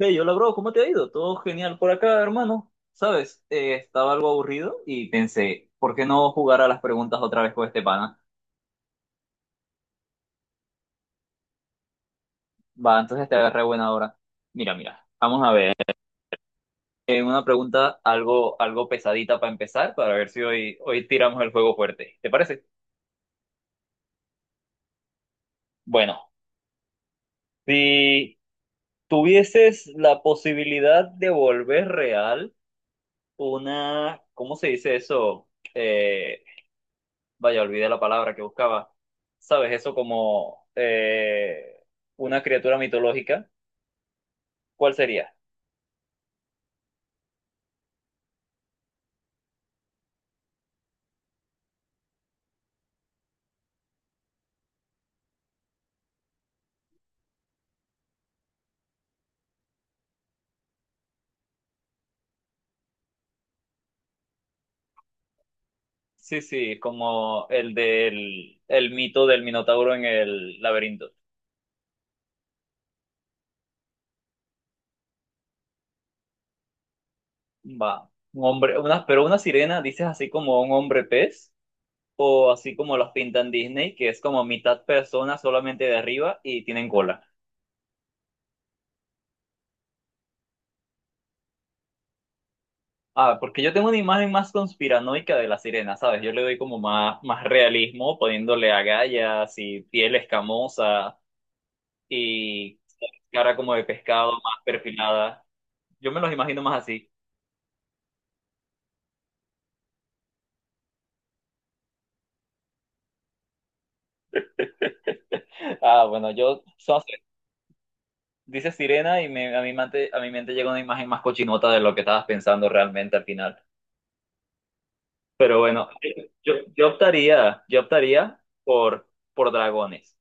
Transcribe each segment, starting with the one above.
Hey, hola bro, ¿cómo te ha ido? Todo genial por acá, hermano. Sabes, estaba algo aburrido y pensé, ¿por qué no jugar a las preguntas otra vez con este pana? Va, entonces te agarré buena hora. Mira, mira, vamos a ver. Una pregunta algo pesadita para empezar, para ver si hoy tiramos el juego fuerte. ¿Te parece? Bueno, si tuvieses la posibilidad de volver real una, ¿cómo se dice eso? Eh, Vaya, olvidé la palabra que buscaba, ¿sabes? Eso como una criatura mitológica, ¿cuál sería? Sí, sí, como el del el mito del Minotauro en el laberinto. Va, un hombre, una, pero una sirena, dices así como un hombre pez, o así como los pintan Disney, que es como mitad persona solamente de arriba y tienen cola. Ah, porque yo tengo una imagen más conspiranoica de la sirena, ¿sabes? Yo le doy como más realismo, poniéndole agallas y piel escamosa, y cara como de pescado, más perfilada. Yo me los imagino más así. Ah, bueno, dice sirena y a mi mente llega una imagen más cochinota de lo que estabas pensando realmente al final. Pero bueno, yo optaría por dragones.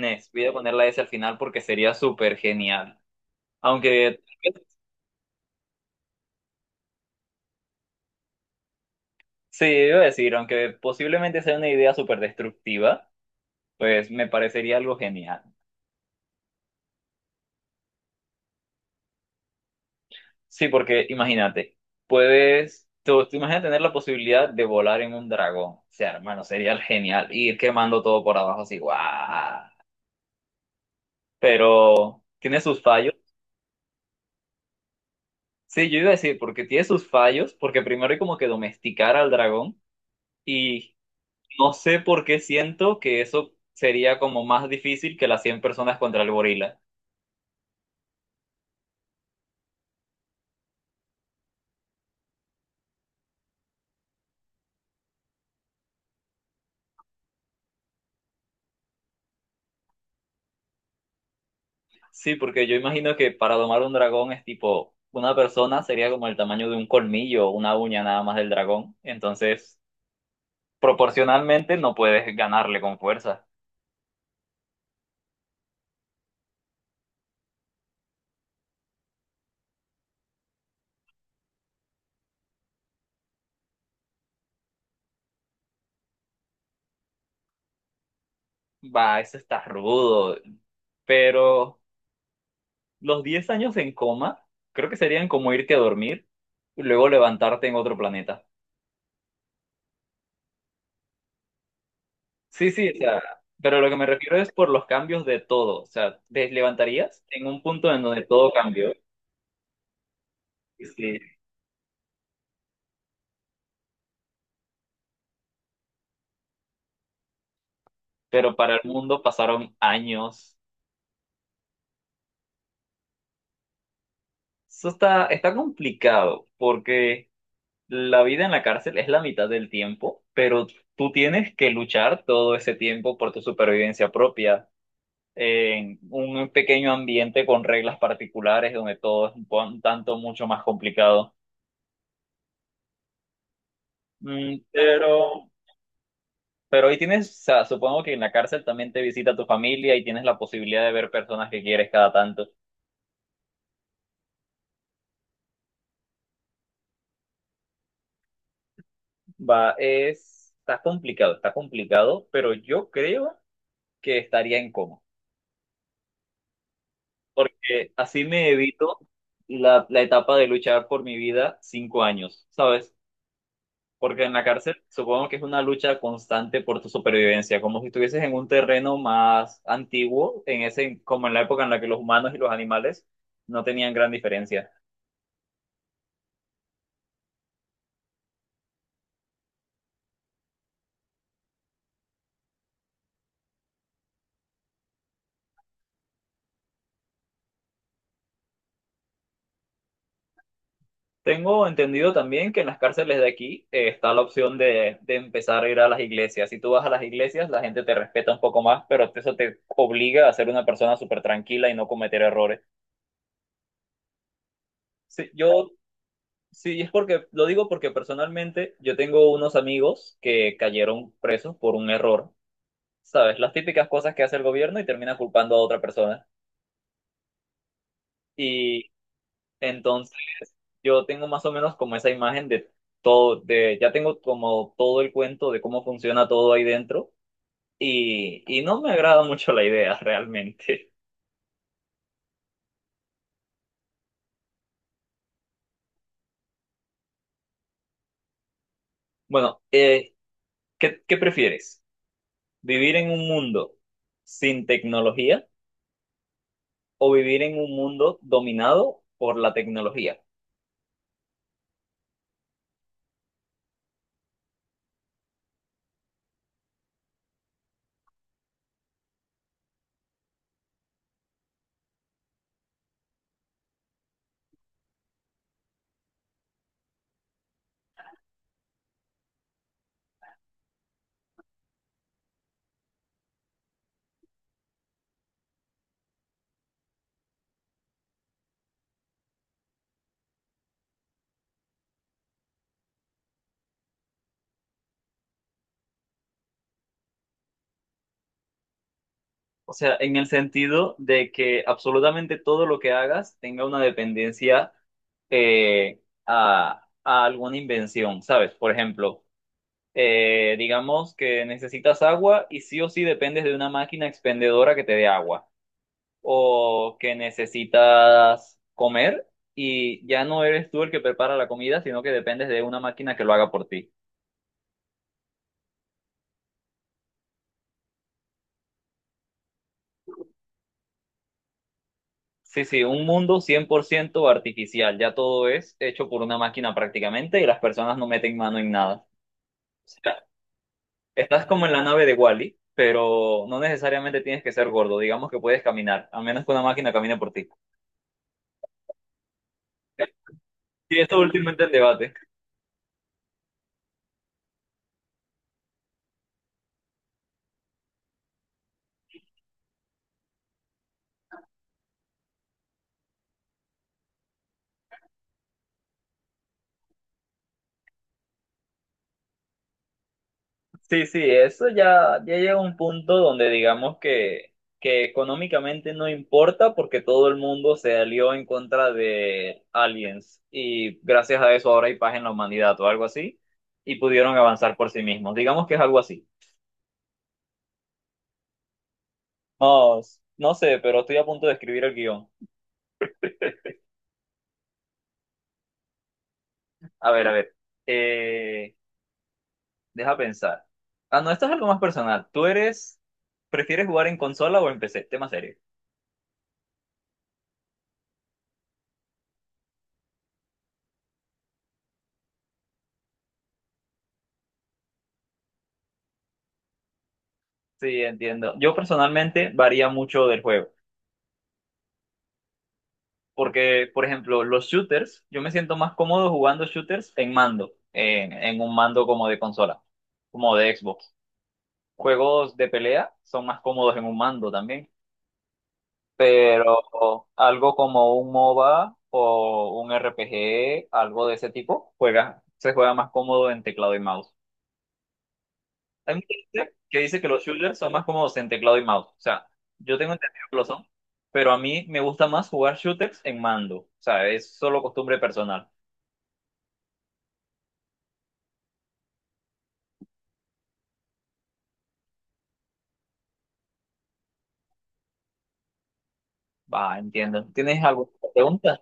Nes, voy a poner la S al final porque sería súper genial. Aunque, sí, iba a decir, aunque posiblemente sea una idea súper destructiva, pues me parecería algo genial. Sí, porque imagínate, tú imaginas tener la posibilidad de volar en un dragón. O sea, hermano, sería genial ir quemando todo por abajo así, guau. Pero tiene sus fallos. Sí, yo iba a decir, porque tiene sus fallos, porque primero hay como que domesticar al dragón y no sé por qué siento que eso sería como más difícil que las 100 personas contra el gorila. Sí, porque yo imagino que para domar un dragón es tipo, una persona sería como el tamaño de un colmillo o una uña nada más del dragón. Entonces proporcionalmente no puedes ganarle con fuerza. Va, eso está rudo. Pero los 10 años en coma, creo que serían como irte a dormir y luego levantarte en otro planeta. Sí, sí, o sea, pero lo que me refiero es por los cambios de todo. O sea, te levantarías en un punto en donde todo cambió. Y sí, pero para el mundo pasaron años. Eso está complicado porque la vida en la cárcel es la mitad del tiempo, pero tú tienes que luchar todo ese tiempo por tu supervivencia propia, en un pequeño ambiente con reglas particulares donde todo es un tanto mucho más complicado. Mm, pero, pero ahí tienes, o sea, supongo que en la cárcel también te visita tu familia y tienes la posibilidad de ver personas que quieres cada tanto. Va, está complicado, pero yo creo que estaría en coma. Porque así me evito la etapa de luchar por mi vida 5 años, ¿sabes? Porque en la cárcel supongo que es una lucha constante por tu supervivencia, como si estuvieses en un terreno más antiguo, en ese, como en la época en la que los humanos y los animales no tenían gran diferencia. Tengo entendido también que en las cárceles de aquí está la opción de empezar a ir a las iglesias. Si tú vas a las iglesias, la gente te respeta un poco más, pero eso te obliga a ser una persona súper tranquila y no cometer errores. Sí, y es porque, lo digo porque personalmente yo tengo unos amigos que cayeron presos por un error, ¿sabes? Las típicas cosas que hace el gobierno y termina culpando a otra persona. Y entonces yo tengo más o menos como esa imagen de todo, ya tengo como todo el cuento de cómo funciona todo ahí dentro y no me agrada mucho la idea realmente. Bueno, ¿qué prefieres? ¿Vivir en un mundo sin tecnología o vivir en un mundo dominado por la tecnología? O sea, en el sentido de que absolutamente todo lo que hagas tenga una dependencia eh, a alguna invención, ¿sabes? Por ejemplo, digamos que necesitas agua y sí o sí dependes de una máquina expendedora que te dé agua, o que necesitas comer y ya no eres tú el que prepara la comida, sino que dependes de una máquina que lo haga por ti. Sí, sí, un mundo 100% artificial, ya todo es hecho por una máquina prácticamente y las personas no meten mano en nada. O sea, estás como en la nave de Wally, pero no necesariamente tienes que ser gordo, digamos que puedes caminar, a menos que una máquina camine por ti. Sí, esto últimamente en debate. Sí, sí, eso ya llega a un punto donde digamos que económicamente no importa porque todo el mundo se alió en contra de aliens y gracias a eso ahora hay paz en la humanidad o algo así y pudieron avanzar por sí mismos. Digamos que es algo así. No, no sé, pero estoy a punto de escribir el guión. A ver, a ver. eh, Deja pensar. Ah, no, esto es algo más personal. ¿Tú prefieres jugar en consola o en PC? Tema serio. Sí, entiendo. Yo personalmente varía mucho del juego. Porque, por ejemplo, los shooters, yo me siento más cómodo jugando shooters en mando, en un mando como de consola, como de Xbox. Juegos de pelea son más cómodos en un mando también, pero algo como un MOBA o un RPG, algo de ese tipo, se juega más cómodo en teclado y mouse. Hay mucha gente que dice que los shooters son más cómodos en teclado y mouse. O sea, yo tengo entendido que lo son, pero a mí me gusta más jugar shooters en mando. O sea, es solo costumbre personal. Ah, entiendo. ¿Tienes alguna pregunta?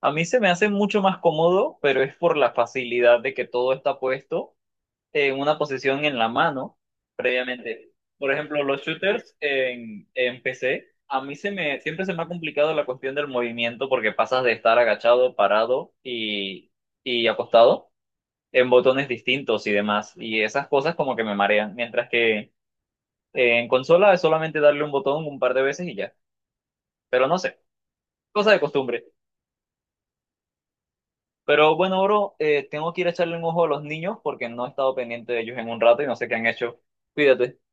A mí se me hace mucho más cómodo, pero es por la facilidad de que todo está puesto en una posición en la mano previamente. Por ejemplo, los shooters en PC, a mí se me, siempre se me ha complicado la cuestión del movimiento porque pasas de estar agachado, parado y acostado en botones distintos y demás. Y esas cosas como que me marean. Mientras que en consola es solamente darle un botón un par de veces y ya. Pero no sé, cosa de costumbre. Pero bueno, bro, tengo que ir a echarle un ojo a los niños porque no he estado pendiente de ellos en un rato y no sé qué han hecho. Cuídate.